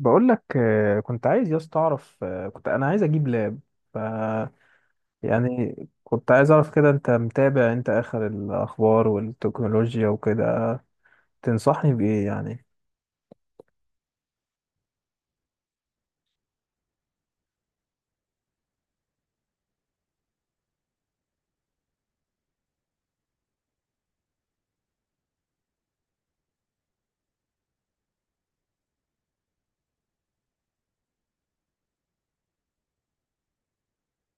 بقول لك، كنت عايز يا اسطى اعرف، كنت انا عايز اجيب لاب. ف، يعني، كنت عايز اعرف كده، انت متابع انت اخر الاخبار والتكنولوجيا وكده؟ تنصحني بايه يعني؟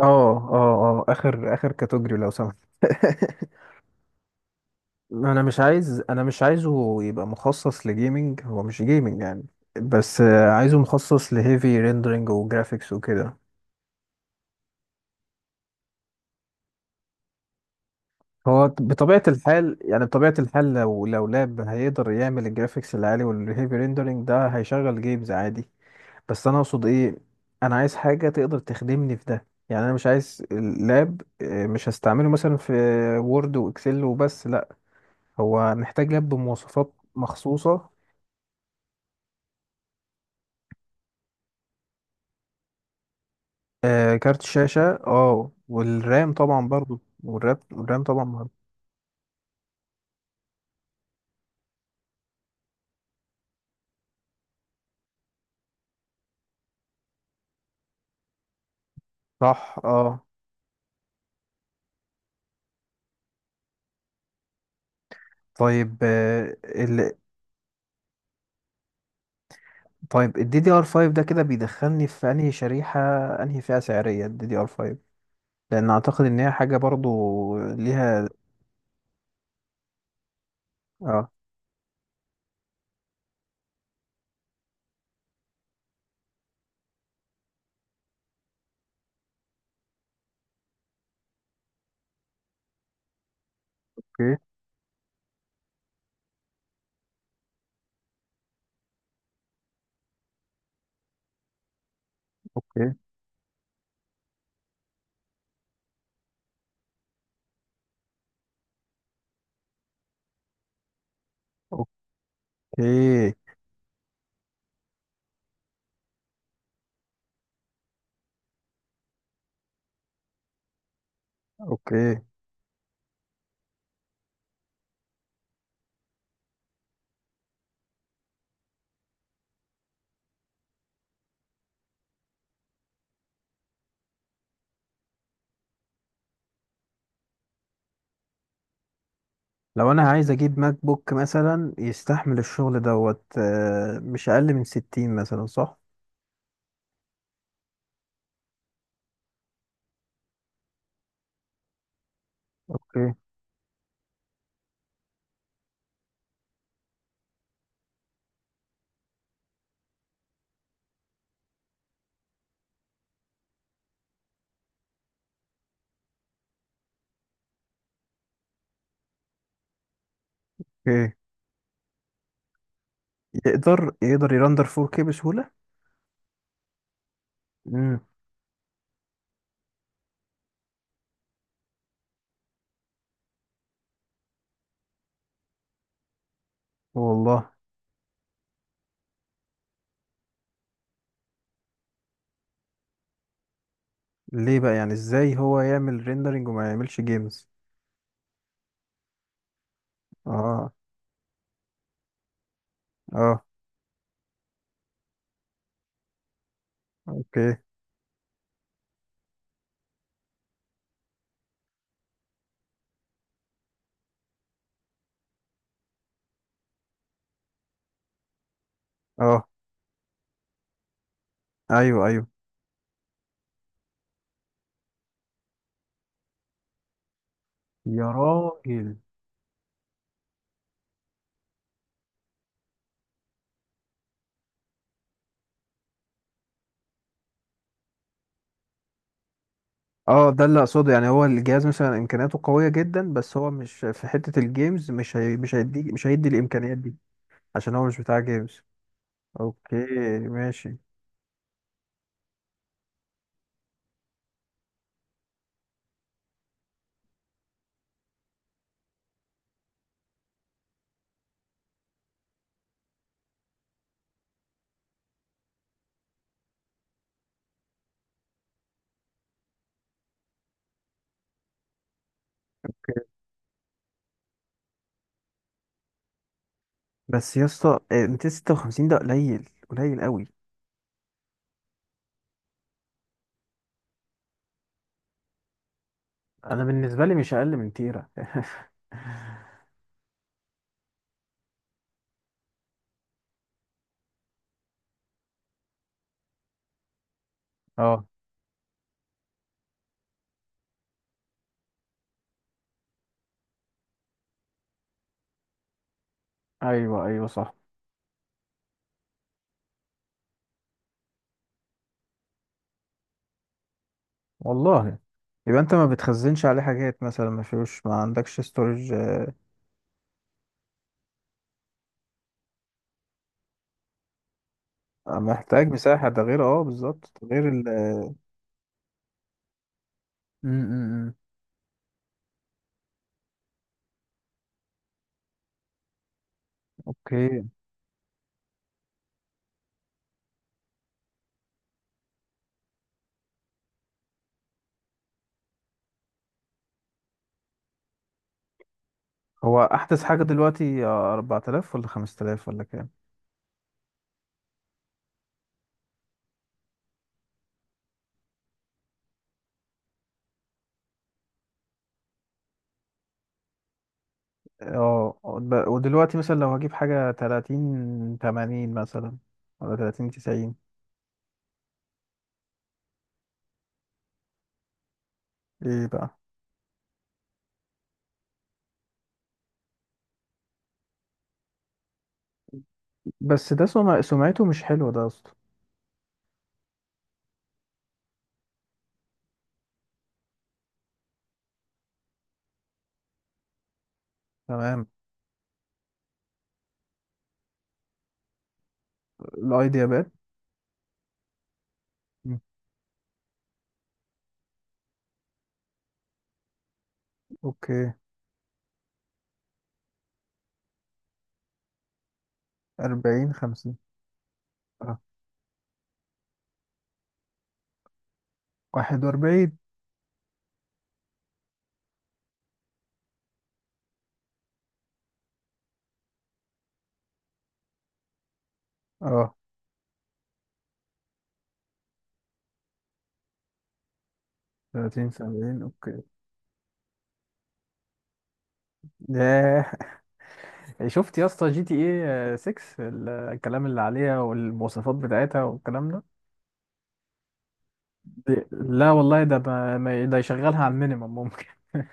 اه، اه، اه، اخر اخر كاتوجري لو سمحت. انا مش عايزه يبقى مخصص لجيمنج، هو مش جيمنج يعني، بس عايزه مخصص لهيفي ريندرنج وجرافيكس وكده. هو بطبيعة الحال يعني بطبيعة الحال لو لاب هيقدر يعمل الجرافيكس العالي والهيفي ريندرنج ده، هيشغل جيمز عادي. بس أنا أقصد إيه، أنا عايز حاجة تقدر تخدمني في ده. يعني أنا مش عايز اللاب، مش هستعمله مثلا في وورد وإكسل وبس، لأ. هو محتاج لاب بمواصفات مخصوصة، كارت شاشة. اه، والرام طبعا برضو، والرام طبعا مهم. صح. اه، طيب. طيب، ال DDR5 ده كده بيدخلني في انهي شريحة؟ انهي فئة سعرية ال DDR5؟ لان اعتقد ان هي حاجة برضو ليها. اه، اوكي، اوكي، اوكي، اوكي. لو انا عايز اجيب ماك بوك مثلا يستحمل الشغل دوت، مش اقل من 60 مثلا، صح؟ اوكي، اوكي. يقدر يرندر 4K بسهولة. امم والله. ليه بقى يعني؟ ازاي هو يعمل ريندرنج وما يعملش جيمز؟ اه. اه. اوكي. اه، ايوه، ايوه. يا راجل. اه، ده اللي اقصده يعني، هو الجهاز مثلا امكانياته قويه جدا بس هو مش في حته الجيمز، مش هيدي الامكانيات دي. عشان هو مش بتاع جيمز. اوكي، ماشي. اوكي بس يا اسطى، 256 ده قليل قليل قوي. انا بالنسبه لي مش اقل من تيرا. اه، ايوه، ايوه، صح. والله. يبقى انت ما بتخزنش عليه حاجات مثلا؟ ما فيهوش، ما عندكش ستورج؟ محتاج مساحه، ده غير، اه، بالظبط، ده غير ال أمم، أمم. اوكي. هو احدث حاجه دلوقتي 4000 ولا 5000 ولا كام؟ اه، ودلوقتي مثلا لو هجيب حاجه 30 80 مثلا ولا 30 90؟ ايه بقى؟ بس ده سمعته مش حلوه ده اصلا. تمام. الاي دي باد. مم. اوكي. 40 50. اه. 41. اه. 30 70. اوكي. ياه. شفت يا اسطى جي تي ايه 6؟ الكلام اللي عليها والمواصفات بتاعتها والكلام ده. لا والله، ده يشغلها على المينيمم ممكن.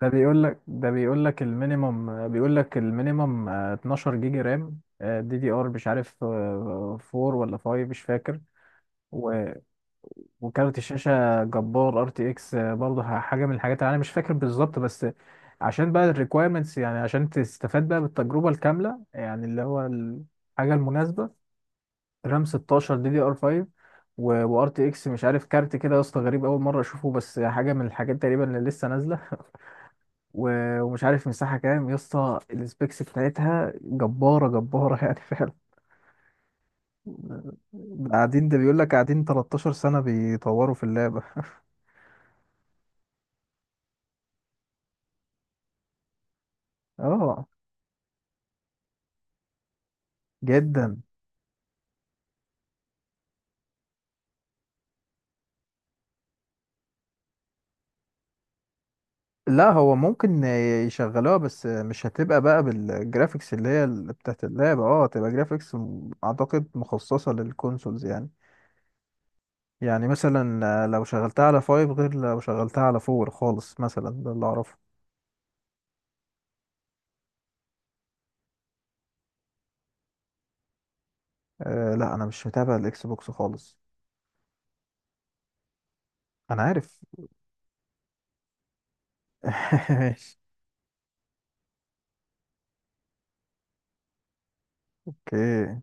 ده بيقول لك المينيمم، بيقول لك المينيمم، 12 جيجا رام، دي دي ار مش عارف، 4 ولا 5 مش فاكر. و... وكارت الشاشة جبار، ار تي اكس، برضه حاجة من الحاجات اللي انا مش فاكر بالظبط، بس عشان بقى الريكويرمنتس يعني، عشان تستفاد بقى بالتجربة الكاملة يعني، اللي هو الحاجة المناسبة. رام 16، دي دي ار 5، وار تي اكس مش عارف كارت كده يا اسطى، غريب، اول مره اشوفه، بس حاجه من الحاجات تقريبا اللي لسه نازله. ومش عارف مساحه كام يا اسطى، السبيكس بتاعتها جباره جباره يعني. فعلا. قاعدين، ده بيقول لك قاعدين 13 سنه بيطوروا في اللعبه. اه، جدا. لا، هو ممكن يشغلوها بس مش هتبقى بقى بالجرافيكس اللي هي بتاعت اللعبة، اه هتبقى جرافيكس اعتقد مخصصة للكونسولز يعني. يعني مثلا لو شغلتها على فايف غير لو شغلتها على فور خالص مثلا، ده اللي اعرفه. أه، لا انا مش متابع الاكس بوكس خالص. انا عارف. ماشي. اوكي،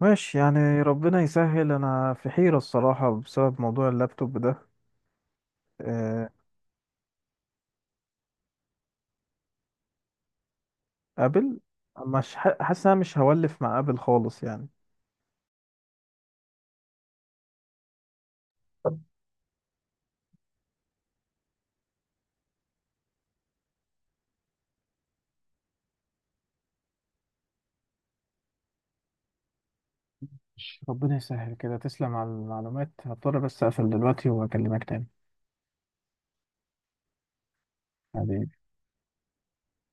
ماشي يعني، ربنا يسهل، انا في حيرة الصراحة بسبب موضوع اللابتوب ده. أه. ابل؟ مش حاسس إن انا مش هولف مع ابل خالص يعني. ماشي، ربنا يسهل كده. تسلم على المعلومات، هضطر بس اقفل دلوقتي واكلمك تاني.